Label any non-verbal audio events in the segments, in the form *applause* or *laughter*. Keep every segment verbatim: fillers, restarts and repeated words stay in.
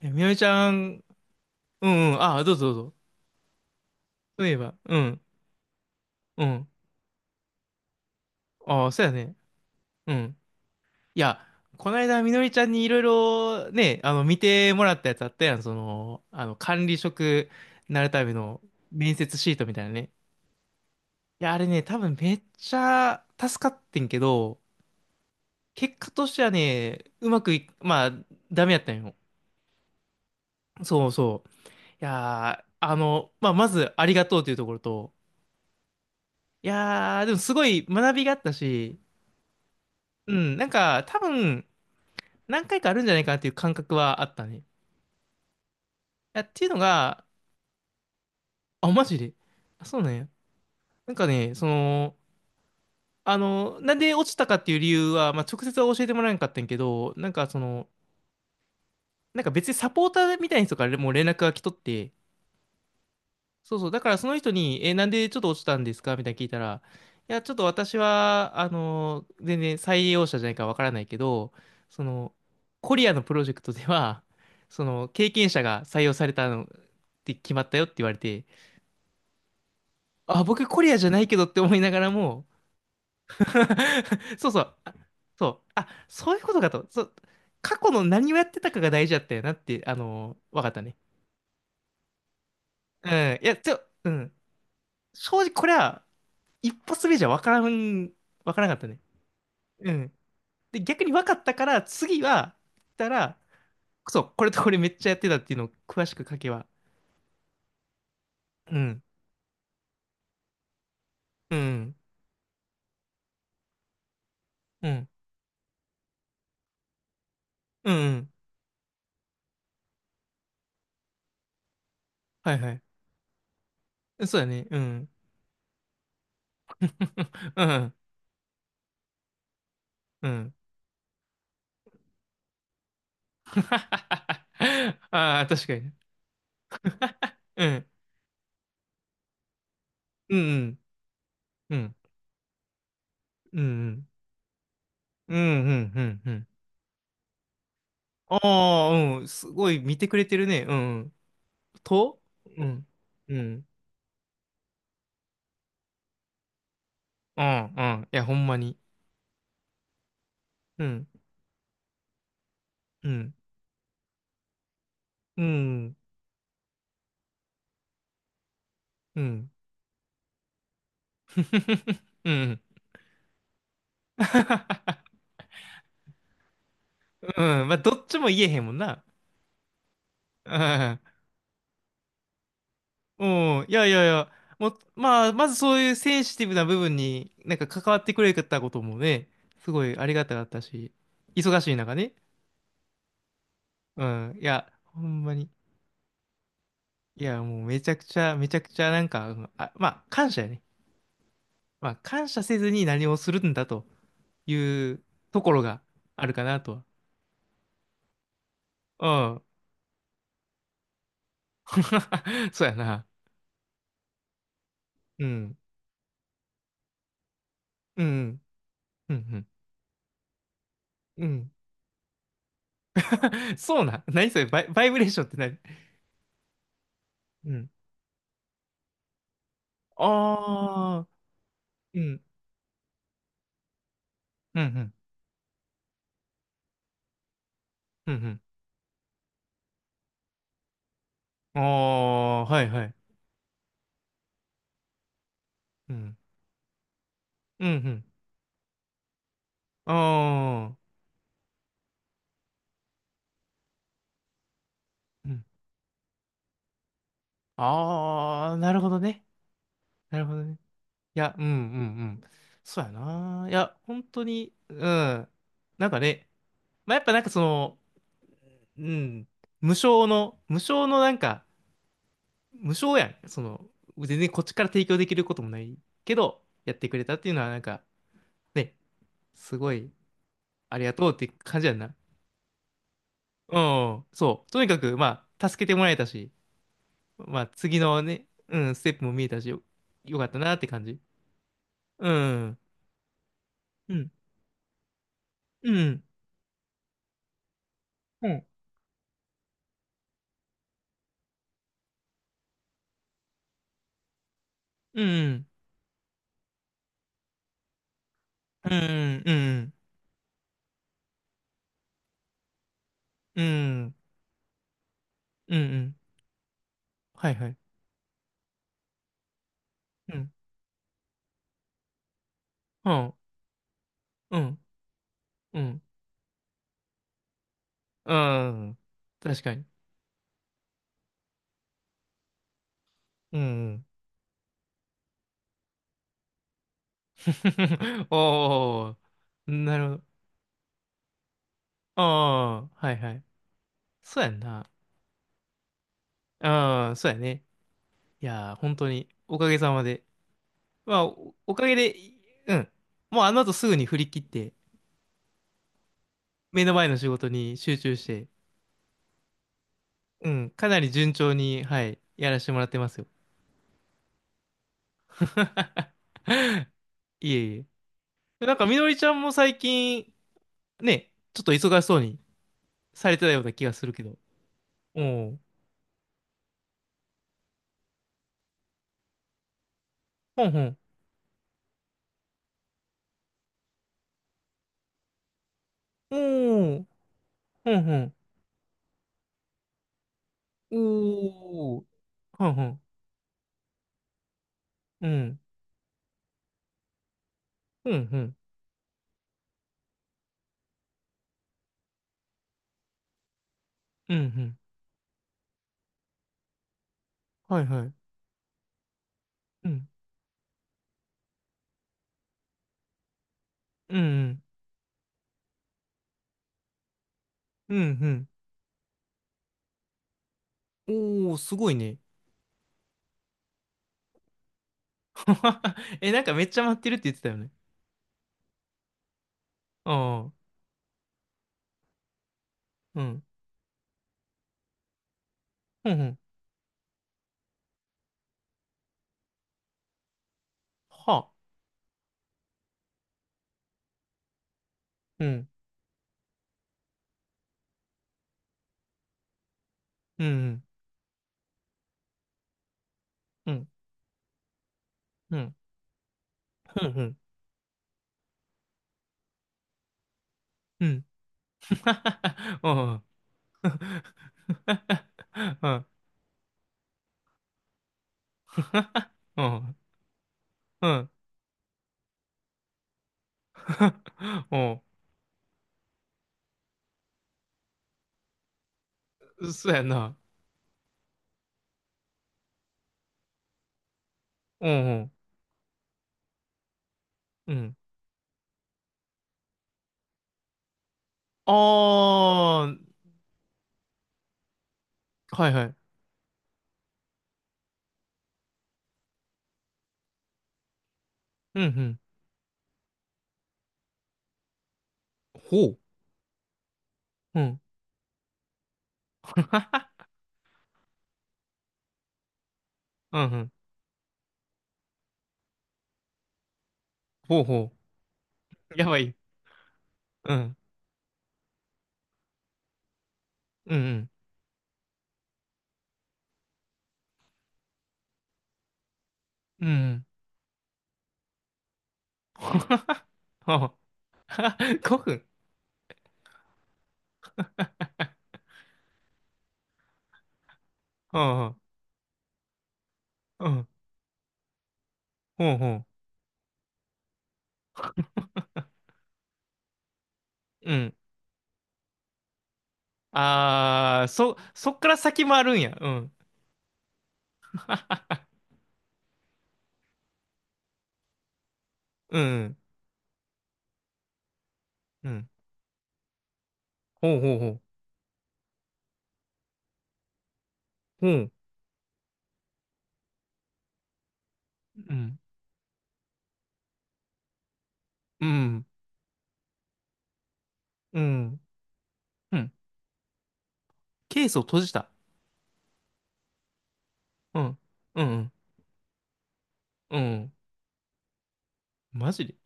え、みのりちゃん、うんうん、あ、どうぞどうぞ。そういえば、うん、うん。ああ、そうやね。うん。いや、この間、みのりちゃんにいろいろね、あの、見てもらったやつあったやん。その、あの、管理職になるための面接シートみたいなね。いや、あれね、多分めっちゃ助かってんけど、結果としてはね、うまくい、まあ、ダメやったんよ。そうそう。いやー、あの、まあ、まず、ありがとうというところと、いやー、でもすごい学びがあったし、うん、なんか、多分、何回かあるんじゃないかなっていう感覚はあったね。いや、っていうのが、あ、マジで。あ、そうなんや。なんかね、その、あの、なんで落ちたかっていう理由は、まあ、直接は教えてもらえなかったんやけど、なんかその、なんか別にサポーターみたいな人からもう連絡が来とって、そうそう。だからその人に、え、なんでちょっと落ちたんですかみたいな聞いたら、いや、ちょっと私は、あの、全然採用者じゃないからわからないけど、その、コリアのプロジェクトでは、*laughs* その、経験者が採用されたのって決まったよって言われて、あ、僕コリアじゃないけどって思いながらも、*laughs* そうそう、あそう、あ、そういうことかと、そう、過去の何をやってたかが大事だったよなって、あの、わかったね。うん、いや、ちょ、うん、正直これは、一発目じゃ分からん、分からなかったね。うん。で、逆に分かったから、次は、たら、そう、これとこれめっちゃやってたっていうのを詳しく書けば。うん。うん。うん。うん。うんはいはい。そうだね。うん。*laughs* うん。うん。*laughs* ああ、確かにね。うん。うん。うん。うん。うん。うん。うん。うん。ああー、うん。すごい見てくれてるね。うん。とうん。うん。うん。うん。いや、ほんまに。うん。うん。うん、うん。*laughs* うん。*laughs* うん。まあ、どっちも言えへんもんな。*laughs* うん。うん。いやいやいや。もう、まあ、まずそういうセンシティブな部分になんか関わってくれたこともね、すごいありがたかったし、忙しい中ね。うん。いや、ほんまに。いや、もうめちゃくちゃ、めちゃくちゃなんか、うんあ、まあ、感謝やね。まあ、感謝せずに何をするんだというところがあるかなとは。うん。*laughs* そうやな。うん。うん。うんうん。うん。*laughs* そうなん。何それバイ、バイブレーションって何うん。ああ、うん。うんうん。うんうん。ああ、はいはい。うん。うんうん。ああ、うん。ああ、なるほどね。なるほどね。いや、うんうんうん。そうやな。いや、本当に、うん。なんかね、まあ、やっぱなんかその、うん、無償の、無償のなんか、無償やん。その、全然こっちから提供できることもないけど、やってくれたっていうのは、なんか、ね、すごい、ありがとうって感じやんな。うん、そう。とにかく、まあ、助けてもらえたし、まあ、次のね、うん、ステップも見えたし、よ、よかったなって感じ。うん、うん、うん、うん、うん、うん、うん、うん、うん、うん、はいはい。うん、うん、うん、うん、うん、確かに。うん。*laughs* おー、なるほど。ああ、はいはい。そうやんな。ああ、そうやね。いやー、本当に、おかげさまで。まあ、お、おかげで、うん。もうあの後すぐに振り切って、目の前の仕事に集中して、うん、かなり順調に、はい、やらせてもらってますよ。*laughs* いえいえ。なんか、みのりちゃんも最近、ね、ちょっと忙しそうにされてたような気がするけど。おー、ほんほん。おー、ほんほん。おー。はんはん。うん。うん、うん。うん、うん。はい、はい。うん。うん、うん。うん、うん。おー、すごいね。*laughs* え、なんかめっちゃ待ってるって言ってたよね。ああ。うん。うん、うん。は。うん。うん、うん。うん。うん、うん。うん。*laughs* うん。うん。うん。うん。うん。そうやな。うん。うん。ああ。はい、はい。うん、うん。ほう。うん。*laughs* うんうん。ほうほう。やばい。うん。うん。うん。うん。*laughs* ほうは。*laughs* ごふん。うん。うん。ほうほう。うん。あー、そ、そっから先もあるんや。うん。*laughs* あ、うん。うん。ほうほうほう。ほう。うん。うん。うん。うん。ケースを閉じた。うん。うん。うん。マジで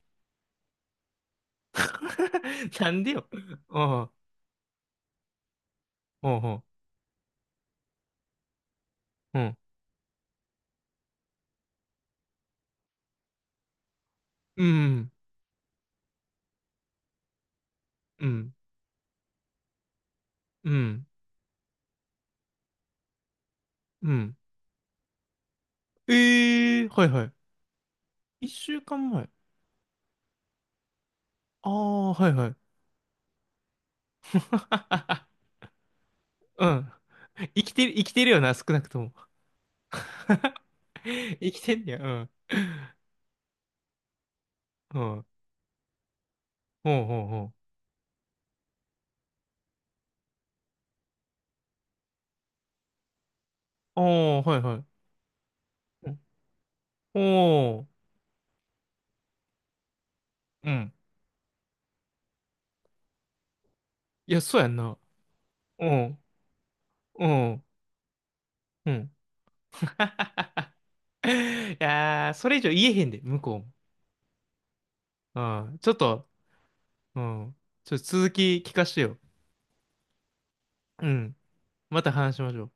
*laughs* なんでよ。うん。ほうほう。うん。うん。うん。うん。うん。ええーはいはい。いっしゅうかんまえ。ああ、はいはい。*laughs* うん。生きてる、生きてるよな、少なくとも。*laughs* 生きてんねや、うん。うん。ほうほうほう。おー、はいはい。うんおー、うん。いや、そうやんな。うん、うん、うん。*laughs* いやー、それ以上言えへんで、向こうも。うん。ちょっと、うん。ちょっと続き聞かしてよ。うん。また話しましょう。